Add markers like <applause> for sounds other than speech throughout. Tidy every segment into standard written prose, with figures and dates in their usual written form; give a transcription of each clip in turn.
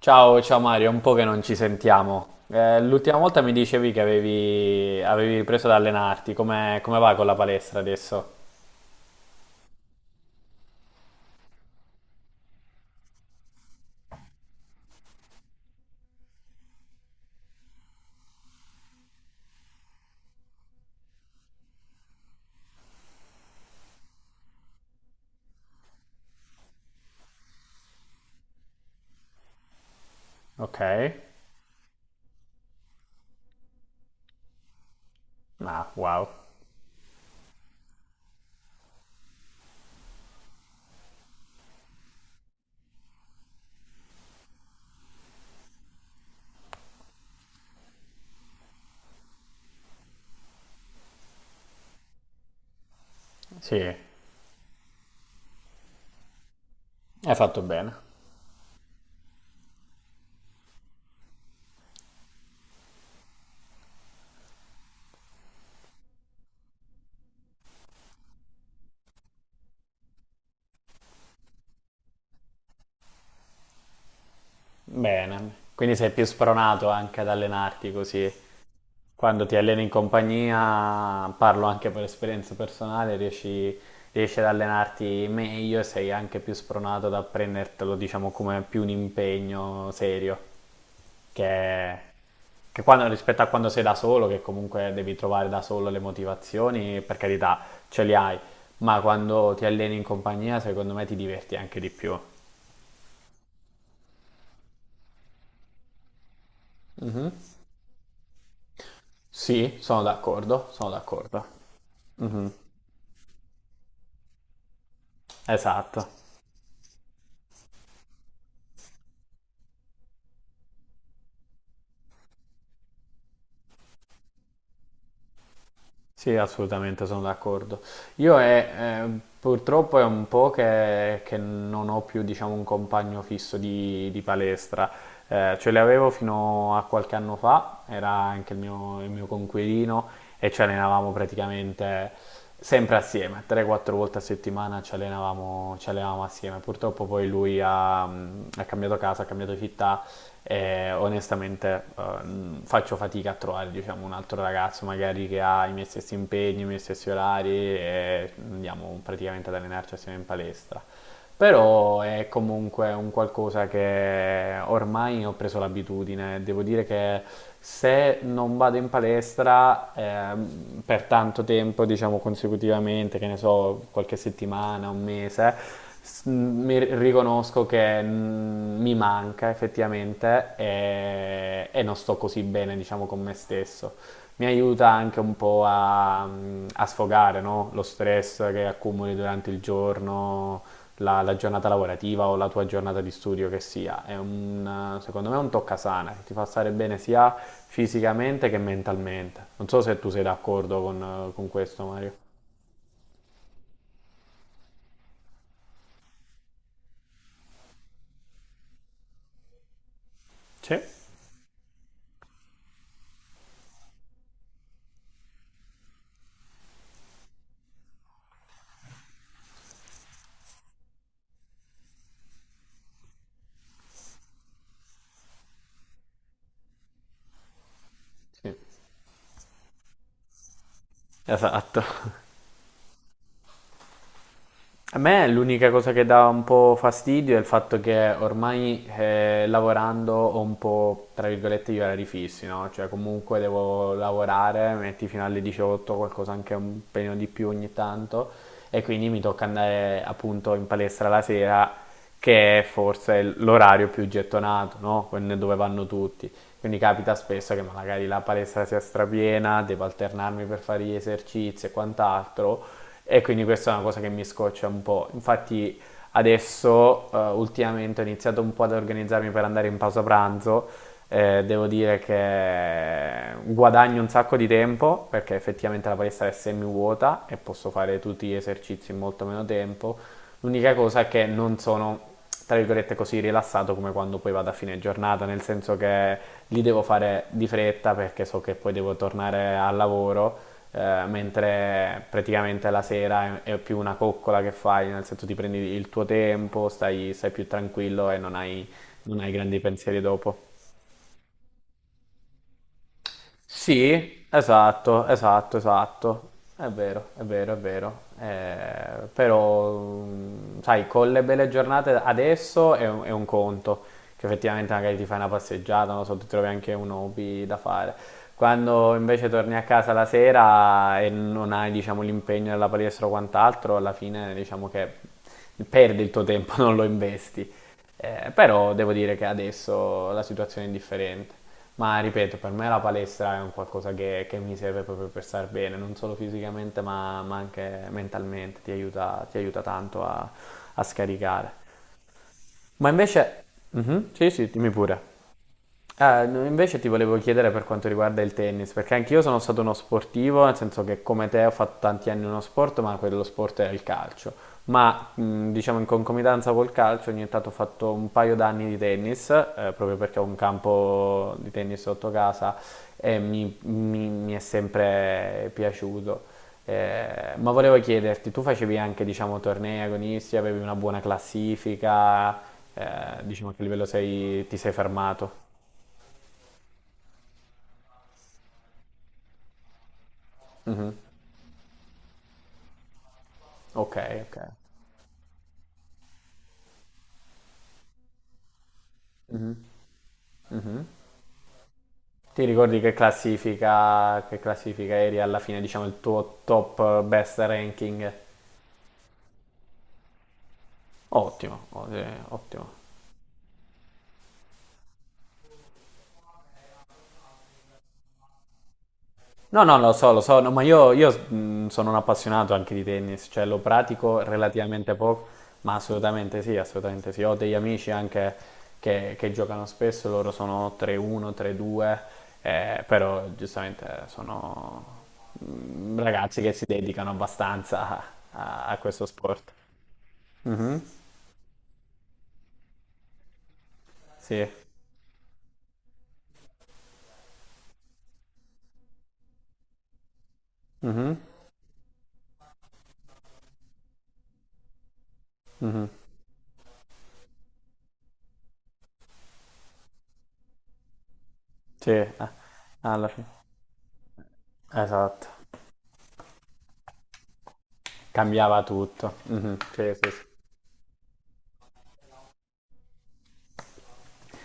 Ciao, ciao Mario, è un po' che non ci sentiamo. L'ultima volta mi dicevi che avevi ripreso ad allenarti, come va con la palestra adesso? Ok? Ah, wow. Sì, hai fatto bene. Bene, quindi sei più spronato anche ad allenarti così. Quando ti alleni in compagnia, parlo anche per esperienza personale, riesci ad allenarti meglio e sei anche più spronato ad prendertelo, diciamo, come più un impegno serio. che, Rispetto a quando sei da solo, che comunque devi trovare da solo le motivazioni, per carità, ce le hai, ma quando ti alleni in compagnia, secondo me ti diverti anche di più. Mhm. Sì, sono d'accordo, sono d'accordo. Mhm, esatto. Sì, assolutamente, sono d'accordo. Purtroppo è un po' che non ho più, diciamo, un compagno fisso di palestra. Ce l'avevo fino a qualche anno fa, era anche il mio coinquilino e ci allenavamo praticamente sempre assieme, 3-4 volte a settimana ci allenavamo assieme. Purtroppo poi lui ha cambiato casa, ha cambiato città e onestamente faccio fatica a trovare diciamo, un altro ragazzo magari che ha i miei stessi impegni, i miei stessi orari e andiamo praticamente ad allenarci assieme in palestra. Però è comunque un qualcosa che ormai ho preso l'abitudine. Devo dire che se non vado in palestra per tanto tempo, diciamo consecutivamente, che ne so, qualche settimana, un mese, riconosco che mi manca effettivamente e non sto così bene, diciamo, con me stesso. Mi aiuta anche un po' a sfogare, no? Lo stress che accumuli durante il giorno la giornata lavorativa o la tua giornata di studio che sia. Secondo me è un tocca sana che ti fa stare bene sia fisicamente che mentalmente. Non so se tu sei d'accordo con questo, Mario. Sì. Sì. Esatto. A me l'unica cosa che dà un po' fastidio è il fatto che ormai lavorando ho un po', tra virgolette, gli orari fissi, no? Cioè comunque devo lavorare, metti fino alle 18, qualcosa anche un pelino di più ogni tanto, e quindi mi tocca andare appunto in palestra la sera, che è forse l'orario più gettonato, no? Dove vanno tutti. Quindi capita spesso che magari la palestra sia strapiena, devo alternarmi per fare gli esercizi e quant'altro. E quindi questa è una cosa che mi scoccia un po'. Infatti adesso ultimamente ho iniziato un po' ad organizzarmi per andare in pausa pranzo. Devo dire che guadagno un sacco di tempo perché effettivamente la palestra è semi vuota e posso fare tutti gli esercizi in molto meno tempo. L'unica cosa è che non sono, tra virgolette, così rilassato come quando poi vado a fine giornata, nel senso che li devo fare di fretta perché so che poi devo tornare al lavoro, mentre praticamente la sera è più una coccola che fai, nel senso ti prendi il tuo tempo, stai più tranquillo e non hai grandi pensieri dopo. Sì, esatto, esatto, esatto. È vero, è vero, è vero. Però, sai, con le belle giornate adesso è un conto, che effettivamente magari ti fai una passeggiata, non so, ti trovi anche un hobby da fare. Quando invece torni a casa la sera e non hai, diciamo, l'impegno della palestra o quant'altro, alla fine diciamo che perdi il tuo tempo, <laughs> non lo investi. Però devo dire che adesso la situazione è differente. Ma ripeto, per me la palestra è un qualcosa che mi serve proprio per star bene, non solo fisicamente ma anche mentalmente, ti aiuta tanto a scaricare. Ma invece. Mhm, sì, sì, dimmi pure. Ah, no, invece ti volevo chiedere per quanto riguarda il tennis, perché anch'io sono stato uno sportivo, nel senso che come te ho fatto tanti anni uno sport, ma quello sport era il calcio. Ma diciamo in concomitanza col calcio ogni tanto ho fatto un paio d'anni di tennis, proprio perché ho un campo di tennis sotto casa e mi è sempre piaciuto. Ma volevo chiederti, tu facevi anche diciamo tornei agonisti, avevi una buona classifica, eh, diciamo a che livello ti sei fermato? Mhm. Ok, ok. Mhm, mhm. Ti ricordi che classifica eri alla fine, diciamo, il tuo top best ranking? Ottimo, ottimo. No, no, lo so, no, ma io, sono un appassionato anche di tennis, cioè lo pratico relativamente poco, ma assolutamente sì, assolutamente sì. Ho degli amici anche che giocano spesso, loro sono 3-1, 3-2, però giustamente sono ragazzi che si dedicano abbastanza a questo sport. Mhm, sì, mhm, sì, alla fine. Esatto, cambiava tutto. Mhm, sì, sì, sì.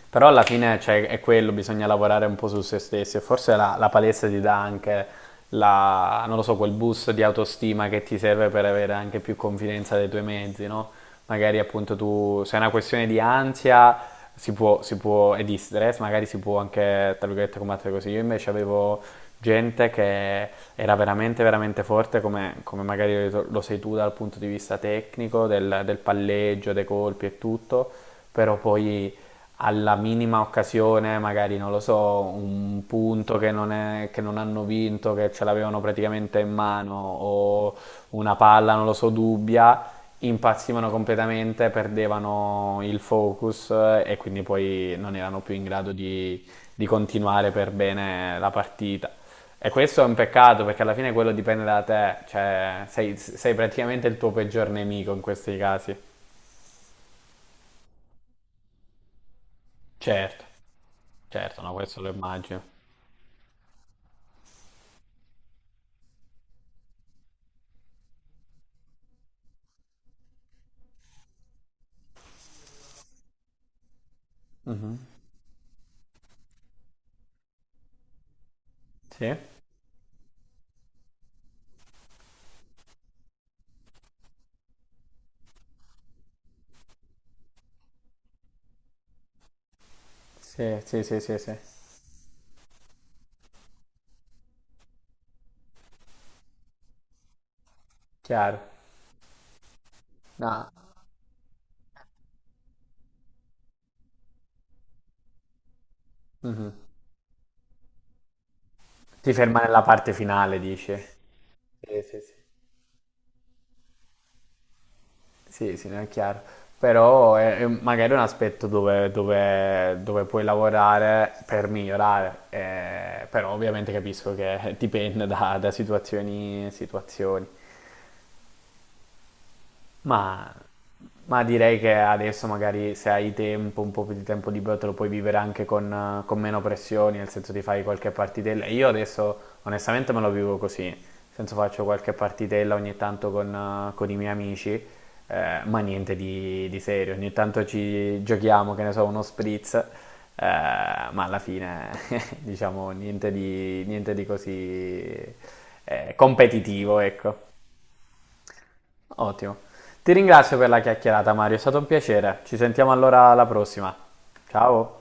Però alla fine cioè, è quello, bisogna lavorare un po' su se stessi e forse la palestra ti dà anche non lo so, quel boost di autostima che ti serve per avere anche più confidenza dei tuoi mezzi, no? Magari appunto tu, se è una questione di ansia e di stress, magari si può anche, tra virgolette, combattere così. Io invece avevo gente che era veramente, veramente forte, come magari lo sei tu dal punto di vista tecnico, del palleggio, dei colpi e tutto, però poi alla minima occasione, magari non lo so, un punto che non hanno vinto, che ce l'avevano praticamente in mano, o una palla, non lo so, dubbia, impazzivano completamente, perdevano il focus e quindi poi non erano più in grado di continuare per bene la partita. E questo è un peccato perché alla fine quello dipende da te, cioè sei praticamente il tuo peggior nemico in questi casi. Certo, certo, no, questo lo immagino. Mhm. Sì, sì, sì, sì, sì, sì. Chiaro. No. Mhm. Ti ferma nella parte finale, dice. Sì, sì, sì. Sì, sì, no, è chiaro. Però è magari un aspetto dove, dove puoi lavorare per migliorare, però ovviamente capisco che <laughs> dipende da situazioni, situazioni. Ma, ma direi che adesso magari se hai tempo, un po' più di tempo libero, te lo puoi vivere anche con meno pressioni, nel senso ti fai qualche partitella. Io adesso onestamente me lo vivo così, nel senso faccio qualche partitella ogni tanto con i miei amici, ma niente di serio, ogni tanto ci giochiamo, che ne so, uno spritz, ma alla fine <laughs> diciamo niente di così competitivo, ecco. Ottimo. Ti ringrazio per la chiacchierata, Mario, è stato un piacere. Ci sentiamo allora alla prossima. Ciao.